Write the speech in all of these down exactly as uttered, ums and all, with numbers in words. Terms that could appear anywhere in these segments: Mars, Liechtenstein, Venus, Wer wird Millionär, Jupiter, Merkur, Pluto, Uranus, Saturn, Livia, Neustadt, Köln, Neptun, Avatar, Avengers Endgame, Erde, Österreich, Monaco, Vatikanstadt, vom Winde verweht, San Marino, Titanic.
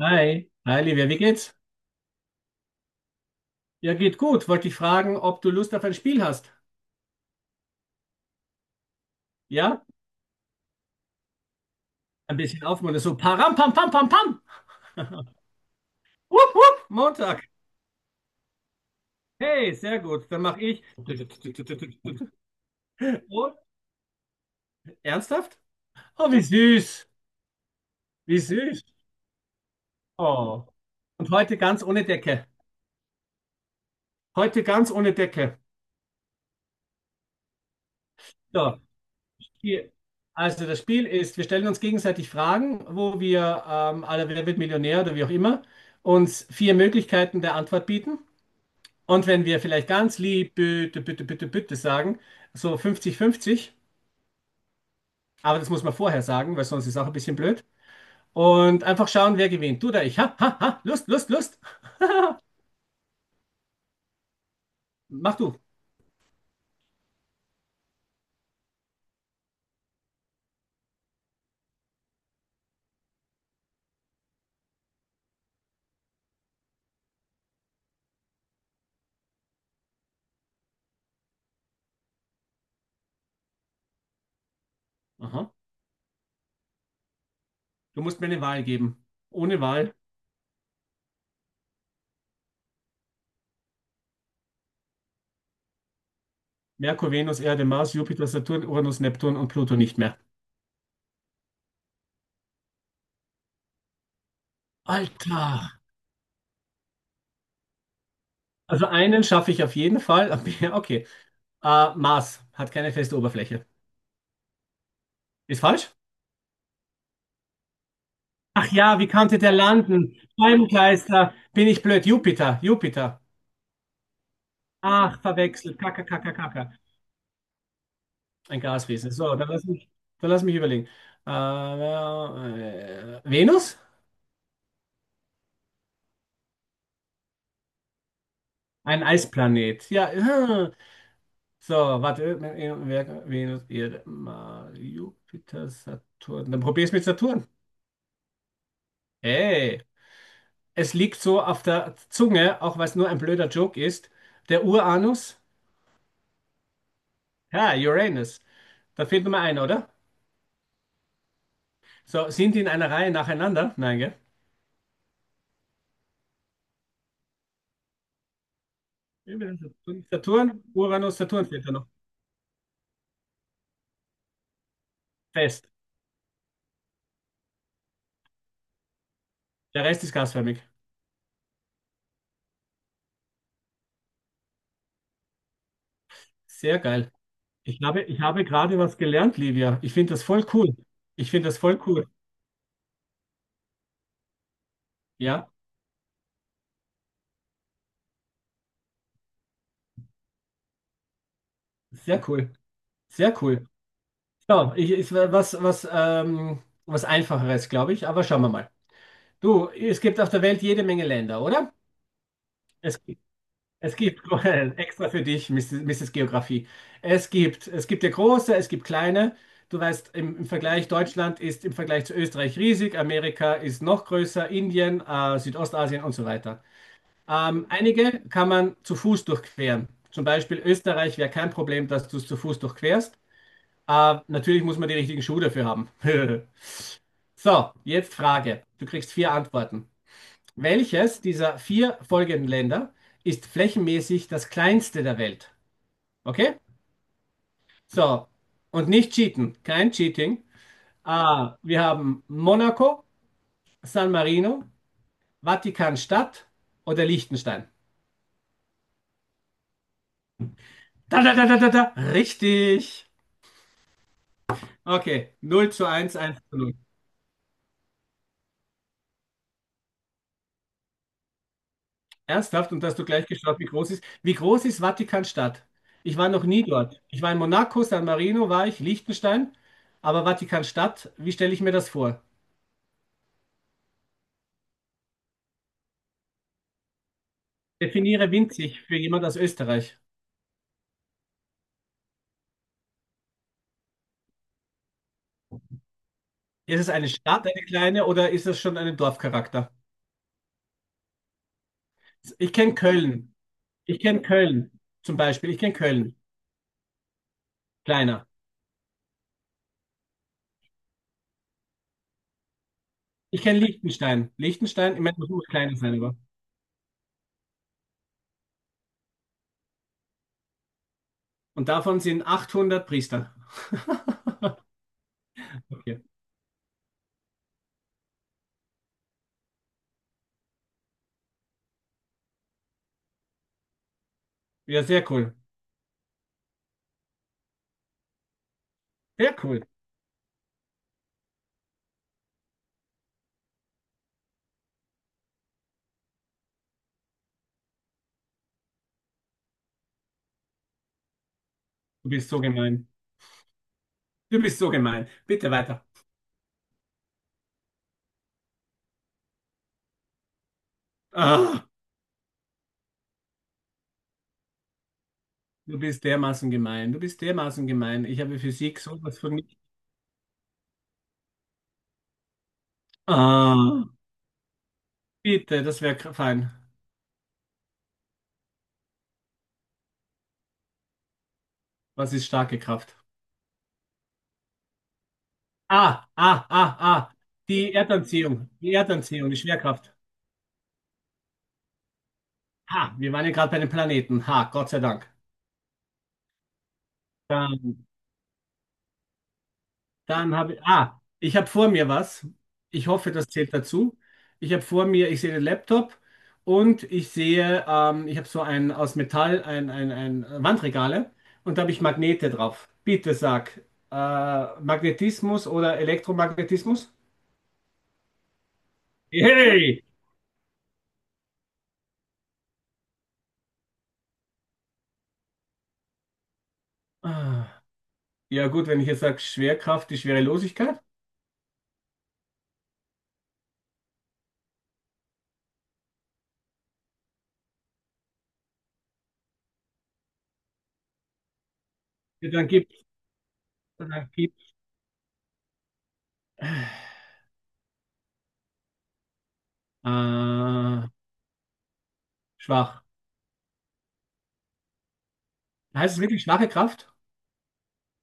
Hi, hi Livia, wie geht's? Ja, geht gut. Wollte dich fragen, ob du Lust auf ein Spiel hast. Ja? Ein bisschen aufmuntern. So, param, pam, pam, pam, pam. Wupp, wupp, Montag. Hey, sehr gut. Dann mache ich. Und, ernsthaft? Oh, wie süß. Wie süß. Oh. Und heute ganz ohne Decke. Heute ganz ohne Decke. So, hier. Also das Spiel ist, wir stellen uns gegenseitig Fragen, wo wir ähm, alle Wer wird Millionär oder wie auch immer, uns vier Möglichkeiten der Antwort bieten. Und wenn wir vielleicht ganz lieb bitte, bitte, bitte, bitte sagen, so fünfzig fünfzig, aber das muss man vorher sagen, weil sonst ist auch ein bisschen blöd. Und einfach schauen, wer gewinnt. Du oder ich. Ha, ha, ha, Lust, Lust, Lust. Mach du. Aha. Du musst mir eine Wahl geben. Ohne Wahl. Merkur, Venus, Erde, Mars, Jupiter, Saturn, Uranus, Neptun und Pluto nicht mehr. Alter. Also einen schaffe ich auf jeden Fall. Okay. Äh, Mars hat keine feste Oberfläche. Ist falsch? Ach ja, wie konnte der landen? Scheibenkleister. Bin ich blöd? Jupiter, Jupiter. Ach, verwechselt. Kacke, kacke, kacke. Ein Gasriese. So, dann lass mich, dann lass mich überlegen. Äh, äh, Venus? Ein Eisplanet. Ja. äh. So, warte. Venus, Erde, Mars, Jupiter, Saturn. Dann probier's mit Saturn. Hey, es liegt so auf der Zunge, auch weil es nur ein blöder Joke ist. Der Uranus? Ja, Uranus. Da fehlt nur mal einer, oder? So, sind die in einer Reihe nacheinander? Nein, gell? Saturn, Uranus, Saturn fehlt da noch. Fest. Der Rest ist gasförmig. Sehr geil. Ich habe, ich habe gerade was gelernt, Livia. Ich finde das voll cool. Ich finde das voll cool. Ja, sehr cool. Sehr cool. So, ich, ist was, was, ähm, was Einfacheres, glaube ich, aber schauen wir mal. Du, es gibt auf der Welt jede Menge Länder, oder? Es Es gibt, extra für dich, misses misses Geografie. Es gibt, es gibt ja große, es gibt kleine. Du weißt, im, im Vergleich, Deutschland ist im Vergleich zu Österreich riesig, Amerika ist noch größer, Indien, äh, Südostasien und so weiter. Ähm, einige kann man zu Fuß durchqueren. Zum Beispiel Österreich wäre kein Problem, dass du es zu Fuß durchquerst. Äh, natürlich muss man die richtigen Schuhe dafür haben. So, jetzt Frage. Du kriegst vier Antworten. Welches dieser vier folgenden Länder ist flächenmäßig das kleinste der Welt? Okay? So, und nicht cheaten, kein Cheating. Ah, wir haben Monaco, San Marino, Vatikanstadt oder Liechtenstein. Da, da, da, da, da, da. Richtig. Okay, null zu eins, eins zu null. Ernsthaft, und hast du gleich geschaut, wie groß ist. Wie groß ist Vatikanstadt? Ich war noch nie dort. Ich war in Monaco, San Marino war ich, Liechtenstein, aber Vatikanstadt, wie stelle ich mir das vor? Definiere winzig für jemand aus Österreich. Ist es eine Stadt, eine kleine, oder ist es schon einen Dorfcharakter? Ich kenne Köln. Ich kenne Köln zum Beispiel. Ich kenne Köln. Kleiner. Ich kenne Liechtenstein. Liechtenstein, ich meine, das muss kleiner sein, aber. Und davon sind achthundert Priester. Okay. Ja, sehr cool. Sehr cool. Du bist so gemein. Du bist so gemein. Bitte weiter. Ah, du bist dermaßen gemein. Du bist dermaßen gemein. Ich habe Physik sowas von nicht. Ah, bitte, das wäre fein. Was ist starke Kraft? Ah, ah, ah, ah. Die Erdanziehung, die Erdanziehung, die Schwerkraft. Ha, wir waren ja gerade bei den Planeten. Ha, Gott sei Dank. Dann, dann habe ich, ah, ich habe vor mir was. Ich hoffe, das zählt dazu. Ich habe vor mir, ich sehe den Laptop und ich sehe, ähm, ich habe so ein aus Metall, ein, ein, ein Wandregale und da habe ich Magnete drauf. Bitte sag, äh, Magnetismus oder Elektromagnetismus? Hey! Ah, ja gut, wenn ich jetzt sage Schwerkraft, die Schwerelosigkeit. Ja, Dann gib, dann gib. Äh, schwach. Heißt es wirklich schwache Kraft?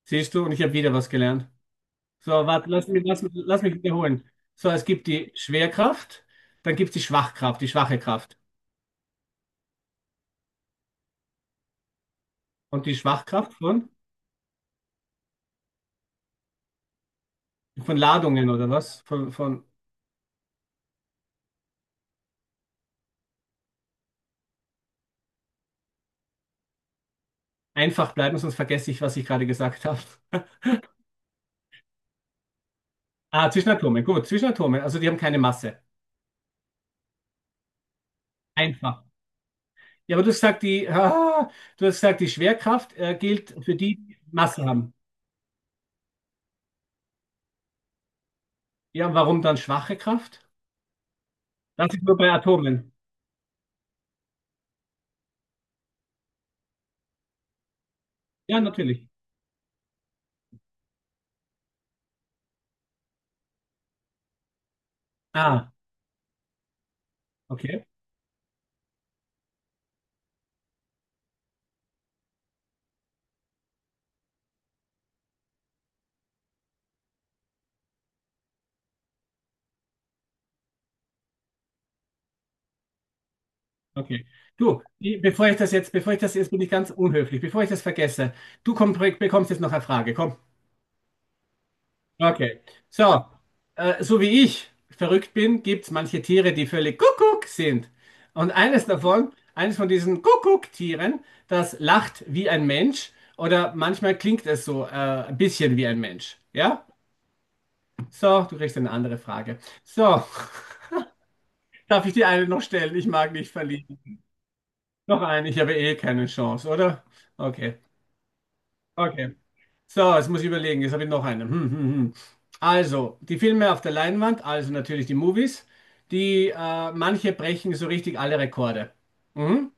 Siehst du, und ich habe wieder was gelernt. So, warte, lass mich, lass, mich- lass mich wiederholen. So, es gibt die Schwerkraft, dann gibt es die Schwachkraft, die schwache Kraft. Und die Schwachkraft von, von Ladungen oder was? Von, von einfach bleiben, sonst vergesse ich, was ich gerade gesagt habe. Ah, Zwischenatome, gut, Zwischenatome, also die haben keine Masse. Einfach. Ja, aber du hast gesagt, die, ah, du hast gesagt, die Schwerkraft, äh, gilt für die, die Masse haben. Ja, und warum dann schwache Kraft? Das ist nur bei Atomen. Ja, natürlich. Ah, okay, okay. Du, i- bevor ich das jetzt, bevor ich das jetzt bin ich ganz unhöflich, bevor ich das vergesse, du komm, bekommst jetzt noch eine Frage. Komm. Okay. So, äh, so wie ich verrückt bin, gibt es manche Tiere, die völlig Kuckuck sind. Und eines davon, eines von diesen Kuckuck-Tieren, das lacht wie ein Mensch oder manchmal klingt es so äh, ein bisschen wie ein Mensch. Ja? So, du kriegst eine andere Frage. So, darf ich dir eine noch stellen? Ich mag nicht verlieren. Noch einen, ich habe eh keine Chance, oder? Okay, okay. So, jetzt muss ich überlegen, jetzt habe ich noch einen. Hm, hm, hm. Also, die Filme auf der Leinwand, also natürlich die Movies, die äh, manche brechen so richtig alle Rekorde. Mhm.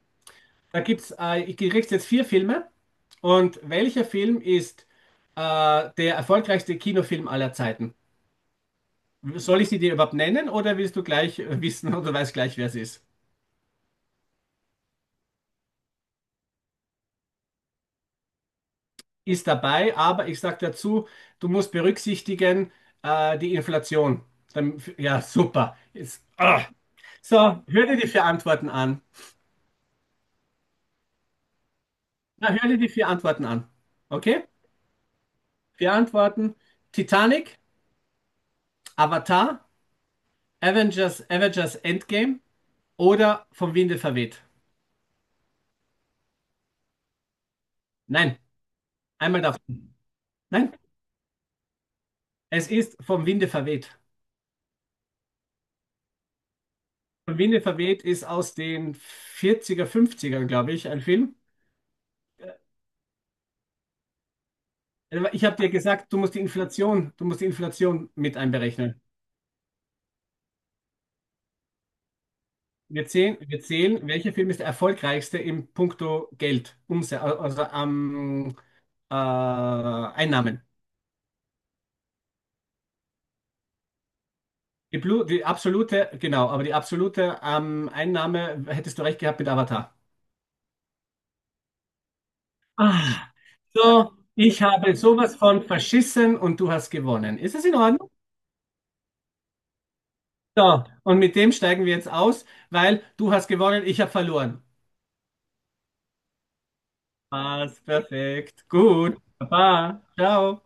Da gibt's, äh, ich kriege jetzt vier Filme und welcher Film ist äh, der erfolgreichste Kinofilm aller Zeiten? Soll ich sie dir überhaupt nennen oder willst du gleich äh, wissen oder weißt gleich, wer es ist? ist dabei, aber ich sage dazu, du musst berücksichtigen äh, die Inflation. Dann, ja, super. Jetzt, ah. So, hör dir die vier Antworten an. Na, hör dir die vier Antworten an. Okay? Vier Antworten: Titanic, Avatar, Avengers, Avengers Endgame oder vom Winde verweht. Nein, einmal darf. Nein, es ist vom Winde verweht. Vom Winde verweht ist aus den vierziger, fünfzigern, glaube ich, ein Film. Ich habe dir gesagt, du musst die Inflation, du musst die Inflation mit einberechnen. Wir zählen, wir zählen, welcher Film ist der erfolgreichste im puncto Geld, Umse also am äh, Einnahmen. Die, Blu die absolute, genau, aber die absolute ähm, Einnahme hättest du recht gehabt mit Avatar. Ah, so, ich habe sowas von verschissen und du hast gewonnen. Ist es in Ordnung? So, und mit dem steigen wir jetzt aus, weil du hast gewonnen, ich habe verloren. Passt, perfekt. Gut. Baba. Ciao.